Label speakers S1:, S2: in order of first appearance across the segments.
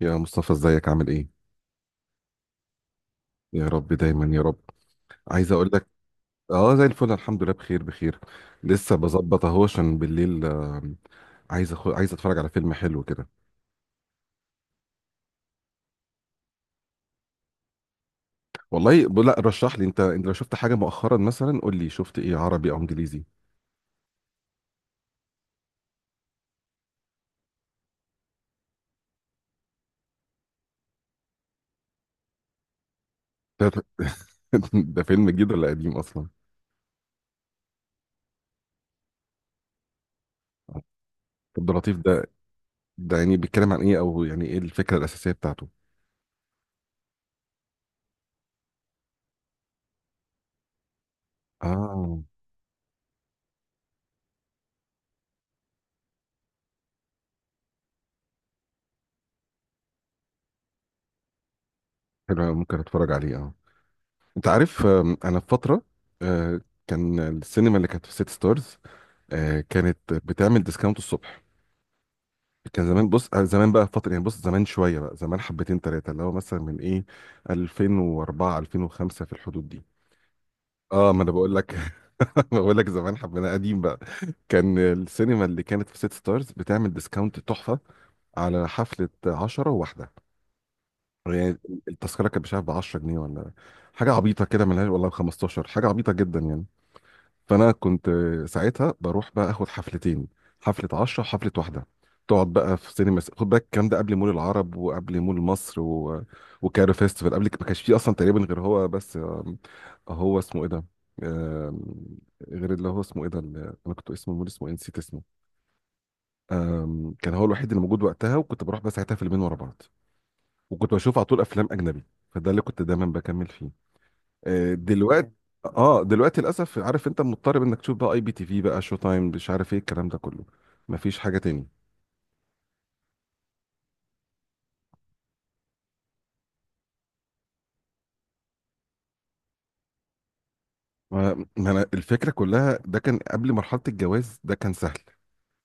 S1: يا مصطفى ازيك عامل ايه؟ يا رب دايما يا رب. عايز اقول لك، اه زي الفل الحمد لله، بخير بخير. لسه بظبط اهو عشان بالليل عايز عايز اتفرج على فيلم حلو كده. والله لا رشح لي انت لو شفت حاجه مؤخرا مثلا قول لي، شفت ايه عربي او انجليزي؟ ده, ده فيلم جديد ولا قديم اصلا؟ عبد اللطيف ده، ده يعني بيتكلم عن ايه، او يعني ايه الفكره الاساسيه بتاعته؟ اه حلو أوي، ممكن اتفرج عليه اه. انت عارف انا في فتره، آه، كان السينما اللي كانت في سيتي ستارز كانت بتعمل ديسكاونت الصبح. كان زمان، بص زمان بقى فتره يعني، بص زمان شويه بقى، زمان حبتين ثلاثه، اللي هو مثلا من ايه، 2004 2005 في الحدود دي. اه ما انا بقول لك، بقول لك زمان، حبنا قديم بقى. كان السينما اللي كانت في سيتي ستارز بتعمل ديسكاونت تحفه على حفله 10 وواحده يعني. التذكره كانت مش عارف ب 10 جنيه ولا حاجه عبيطه كده، ملهاش، والله ب 15، حاجه عبيطه جدا يعني. فانا كنت ساعتها بروح بقى اخد حفلتين، حفله 10 وحفله واحده. تقعد بقى في سينما، خد بالك الكلام ده قبل مول العرب وقبل مول مصر وكايرو فيستيفال. قبل ما كانش فيه اصلا تقريبا غير هو بس. هو اسمه ايه ده؟ آم، غير اللي هو اسمه ايه ده، اللي انا كنت اسمه مول، اسمه إيه؟ نسيت اسمه. كان هو الوحيد اللي موجود وقتها، وكنت بروح بقى ساعتها فيلمين ورا بعض، وكنت بشوف على طول افلام اجنبي. فده اللي كنت دايما بكمل فيه. دلوقتي تمام، اه دلوقتي للاسف، عارف، انت مضطر انك تشوف بقى اي بي تي في بقى، شو تايم، مش عارف ايه الكلام ده كله. مفيش حاجه تاني. ما انا الفكره كلها، ده كان قبل مرحله الجواز، ده كان سهل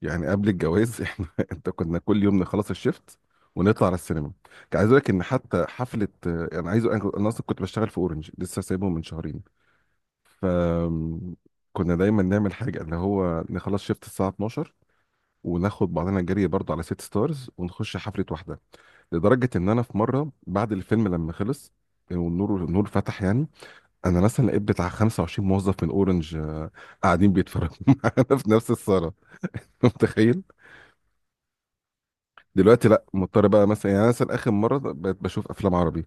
S1: يعني. قبل الجواز احنا انت كنا كل يوم نخلص الشيفت ونطلع على السينما. كان عايز اقول لك ان حتى حفله، انا عايز، أنا اصلا كنت بشتغل في اورنج، لسه سايبه من شهرين. ف كنا دايما نعمل حاجه، اللي هو نخلص شيفت الساعه 12، وناخد بعضنا جري برضه على سيت ستارز، ونخش حفله واحده. لدرجه ان انا في مره بعد الفيلم لما خلص، والنور فتح يعني، انا مثلا لقيت بتاع 25 موظف من اورنج قاعدين بيتفرجوا معانا في نفس الصاله. متخيل. دلوقتي لا، مضطر بقى مثلا يعني. أنا مثلا اخر مره بقيت بشوف افلام عربي،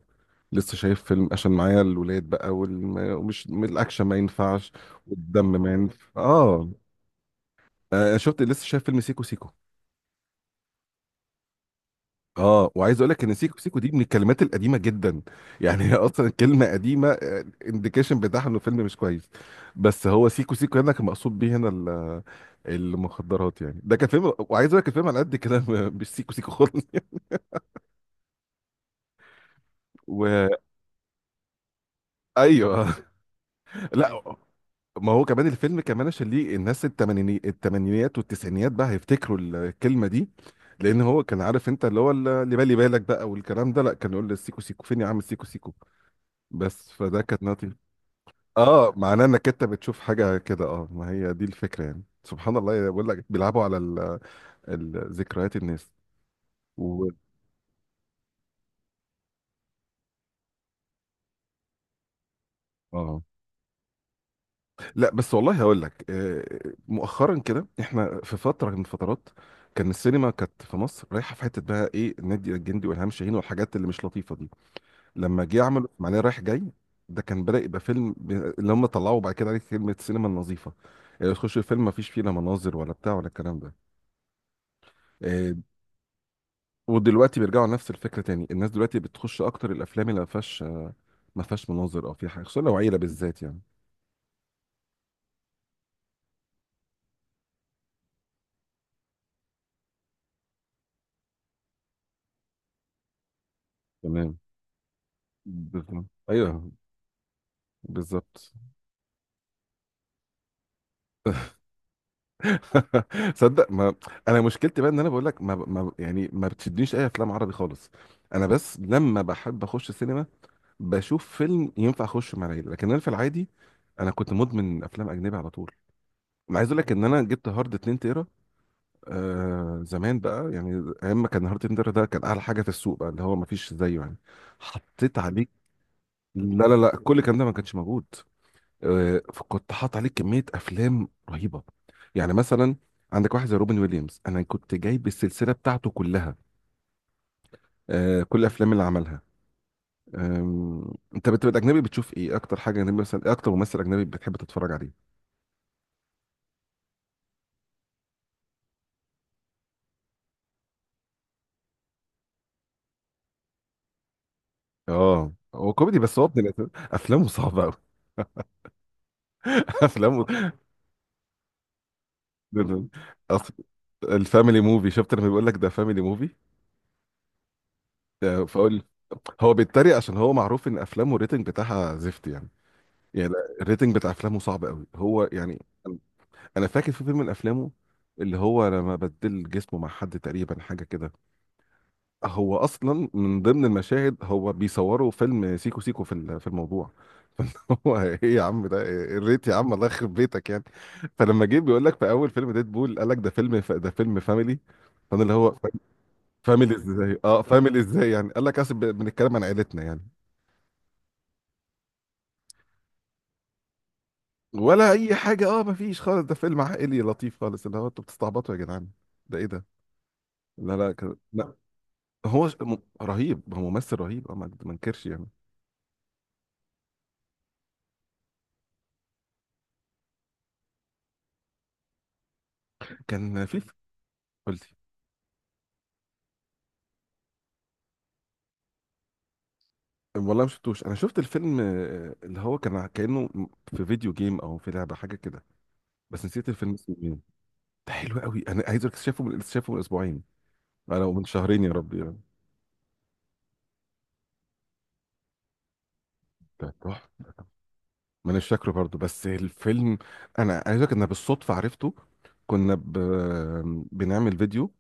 S1: لسه شايف فيلم عشان معايا الولاد بقى، ومش الاكشن ما ينفعش والدم ما ينفعش اه. شفت لسه شايف فيلم سيكو سيكو. اه وعايز اقول لك ان سيكو سيكو دي من الكلمات القديمه جدا يعني، هي اصلا كلمه قديمه، انديكيشن بتاعها انه فيلم مش كويس. بس هو سيكو سيكو هنا كان مقصود بيه هنا المخدرات يعني. ده كان فيلم، وعايز اقول لك الفيلم على قد كده مش سيكو سيكو خالص. وايوه لا. ما هو كمان الفيلم كمان عشان ليه الناس التمانيني التمانينيات والتسعينيات بقى هيفتكروا الكلمه دي، لان هو كان عارف انت اللي هو اللي بالي بالك بقى والكلام ده، لا كان يقول للسيكو سيكو فين يا عم السيكو سيكو. بس فده كانت نقطة. اه معناه انك انت بتشوف حاجه كده. اه ما هي دي الفكره يعني، سبحان الله، بقول لك بيلعبوا على ذكريات الناس و... اه. لا بس والله هقول لك، مؤخرا كده احنا في فتره من الفترات، كان السينما كانت في مصر رايحه في حته بقى ايه، النادي الجندي والهام شاهين والحاجات اللي مش لطيفه دي. لما جه عملوا معناه رايح جاي، ده كان بدأ يبقى فيلم اللي هم طلعوا بعد كده عليه كلمه السينما النظيفه. تخش الفيلم ما فيش فيه لا مناظر ولا بتاع ولا الكلام ده. آه، ودلوقتي بيرجعوا لنفس الفكره تاني. الناس دلوقتي بتخش اكتر الافلام اللي ما فيهاش مناظر، او في حاجه، خصوصا لو عيله بالذات يعني. تمام، بالظبط ايوه، بالظبط. صدق ما، انا مشكلتي بقى ان انا بقول لك ما يعني ما بتشدنيش اي افلام عربي خالص. انا بس لما بحب اخش السينما، بشوف فيلم ينفع اخش مع العيله. لكن انا في العادي انا كنت مدمن افلام اجنبي على طول. انا عايز اقول لك ان انا جبت هارد 2 تيرا. آه زمان بقى، يعني ايام ما كان هارت تندر ده كان اعلى حاجه في السوق بقى، اللي هو ما فيش زيه يعني. حطيت عليك، لا لا لا، كل الكلام ده ما كانش موجود. آه فكنت حاط عليك كميه افلام رهيبه يعني، مثلا عندك واحد زي روبن ويليامز، انا كنت جايب السلسله بتاعته كلها، آه كل الافلام اللي عملها. انت بتبقى اجنبي بتشوف ايه اكتر حاجه اجنبي، مثلا إيه اكتر ممثل اجنبي بتحب تتفرج عليه؟ اه هو كوميدي، بس هو ابن افلامه صعبه قوي. افلامه دول- اصل الفاميلي موفي، شفت لما بيقول لك ده فاميلي موفي، فاقول هو بيتريق، عشان هو معروف ان افلامه الريتنج بتاعها زفت يعني. يعني لا، الريتنج بتاع افلامه صعب قوي هو يعني. انا فاكر في فيلم من افلامه، اللي هو لما بدل جسمه مع حد تقريبا حاجه كده، هو اصلا من ضمن المشاهد هو بيصوروا فيلم سيكو سيكو في في الموضوع. هو ايه يا عم ده، إيه الريت يا عم، الله يخرب بيتك يعني. فلما جه بيقول لك في اول فيلم ديد بول، قال لك ده فيلم ده فيلم فاميلي. فانا اللي هو فاميلي ازاي، اه فاميلي ازاي يعني؟ قال لك اصل بنتكلم عن عيلتنا يعني. ولا اي حاجه، اه ما فيش خالص، ده فيلم عائلي لطيف خالص، اللي هو انتوا بتستعبطوا يا جدعان، ده ايه ده؟ لا لا لا. هو رهيب، هو ممثل رهيب اه، ما ما انكرش يعني. كان في قلت، والله ما شفتوش، انا شفت الفيلم اللي هو كان كانه في فيديو جيم او في لعبه حاجه كده، بس نسيت الفيلم اسمه ايه. ده حلو قوي، انا عايز اقول لك شايفه من لسه شايفه من اسبوعين، انا من شهرين يا ربي يعني. ده تحفة. ما انا مش فاكره برضه بس الفيلم، انا عايز اقولك ان أنا بالصدفه عرفته. كنا ب... بنعمل فيديو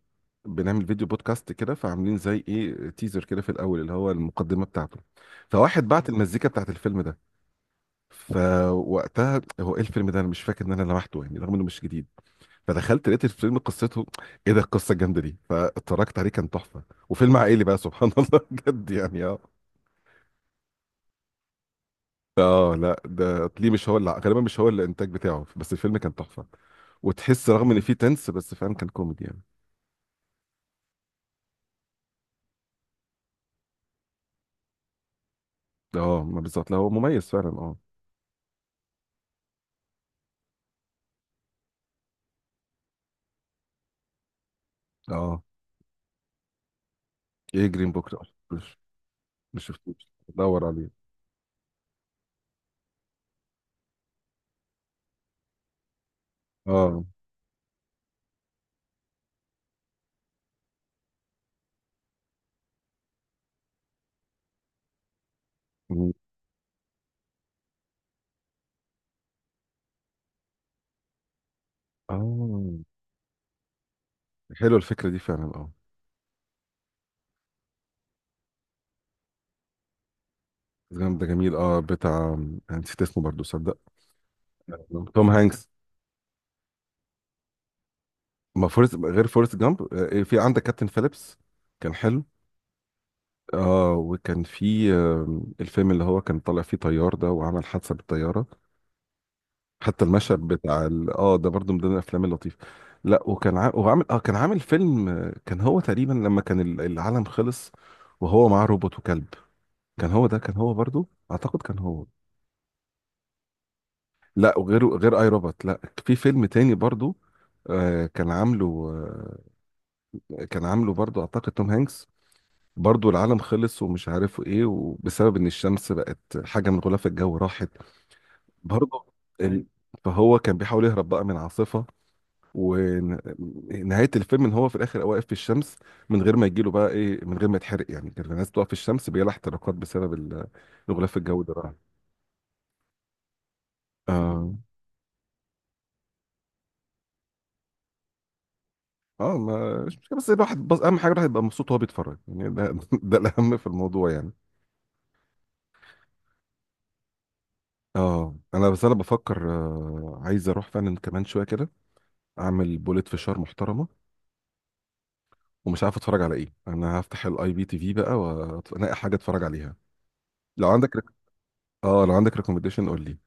S1: بنعمل فيديو بودكاست كده، فعاملين زي ايه تيزر كده في الاول اللي هو المقدمه بتاعته، فواحد بعت المزيكا بتاعت الفيلم ده. فوقتها هو ايه الفيلم ده، انا مش فاكر ان انا لمحته يعني رغم انه مش جديد. فدخلت لقيت الفيلم، قصته ايه ده، القصه الجامده دي، فاتفرجت عليه كان تحفه، وفيلم عائلي بقى، سبحان الله بجد يعني اه. اه لا ده ليه مش هو، اللي غالبا مش هو الانتاج بتاعه، بس الفيلم كان تحفه. وتحس رغم ان فيه تنس بس فعلا كان كوميدي يعني. اه ما بالظبط، لا هو مميز فعلا اه. اه ايه جرين بوك ده؟ مش مش شفتوش، دور عليه اه. م- اه حلوه الفكره دي فعلا اه. جامد ده، جميل اه، بتاع، أنا نسيت اسمه برضه صدق. توم هانكس. ما فورست غير فورست جامب. في عندك كابتن فيليبس، كان حلو. اه وكان في الفيلم اللي هو كان طالع فيه طيار ده وعمل حادثه بالطياره، حتى المشهد بتاع اه ده برضو من ضمن الافلام اللطيفه. لا وكان وعامل اه، كان عامل فيلم، كان هو تقريبا لما كان العالم خلص، وهو معاه روبوت وكلب. كان هو ده، كان هو برضو اعتقد كان هو. لا وغيره غير اي روبوت. لا في فيلم تاني برضو، آه كان عامله، آه كان عامله برضو اعتقد توم هانكس. برضو العالم خلص، ومش عارف ايه، وبسبب ان الشمس بقت حاجه من غلاف الجو راحت برضو ال... فهو كان بيحاول يهرب بقى من عاصفه. ونهايه الفيلم ان هو في الاخر واقف في الشمس من غير ما يجيله بقى ايه، من غير ما يتحرق يعني. كان الناس بتقف في الشمس بيلا احتراقات بسبب الغلاف الجوي ده بقى. اه اه ما مش مشكلة، بس الواحد بس اهم حاجه الواحد يبقى مبسوط وهو بيتفرج يعني، ده ده الاهم في الموضوع يعني. اه انا بس انا بفكر عايز اروح فعلا كمان شويه كده اعمل بوليت فشار محترمه، ومش عارف اتفرج على ايه، انا هفتح الاي بي تي في بقى والاقي حاجه اتفرج عليها. لو عندك اه لو عندك ريكومنديشن قول لي.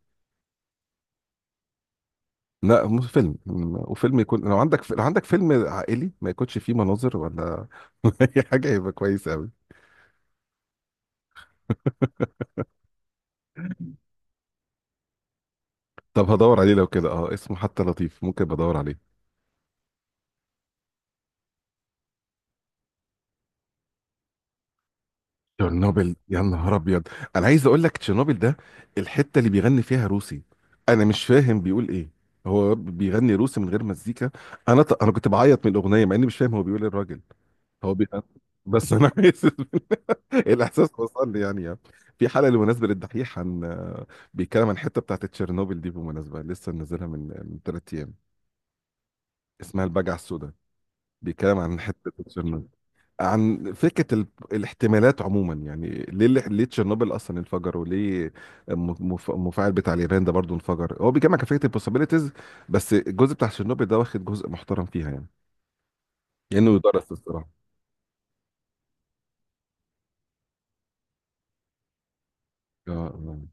S1: لا مو فيلم، م- وفيلم يكون، لو عندك لو عندك فيلم عائلي ما يكونش فيه مناظر ولا اي حاجه يبقى كويس قوي. طب هدور عليه لو كده اه، اسمه حتى لطيف ممكن بدور عليه. تشيرنوبل، يا نهار ابيض، انا عايز اقول لك تشيرنوبل ده، الحته اللي بيغني فيها روسي انا مش فاهم بيقول ايه، هو بيغني روسي من غير مزيكا، انا انا كنت بعيط من الاغنيه مع اني مش فاهم هو بيقول إيه الراجل. هو بيغني، بس انا عايز الاحساس وصل لي يعني، يعني في حلقه بالمناسبه للدحيح عن، بيتكلم عن الحته بتاعت تشيرنوبل دي، بالمناسبه لسه منزلها من 3 ايام، اسمها البجعه السوداء، بيتكلم عن حته تشيرنوبل، عن فكره الاحتمالات عموما يعني، ليه ليه ليه تشيرنوبل اصلا انفجر، وليه المفاعل بتاع اليابان ده برضه انفجر، هو بيجمع كان فكره البوسيبيليتيز، بس الجزء بتاع تشيرنوبل ده واخد جزء محترم فيها يعني، كانه يدرس الصراحه. اه اه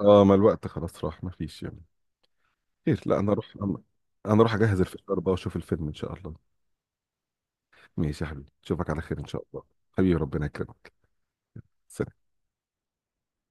S1: ما الوقت خلاص راح، ما فيش يعني. خير لا انا اروح، انا أنا اروح اجهز الفشار بقى واشوف الفيلم ان شاء الله. ماشي يا حبيبي، اشوفك على خير ان شاء الله. حبيبي ربنا يكرمك.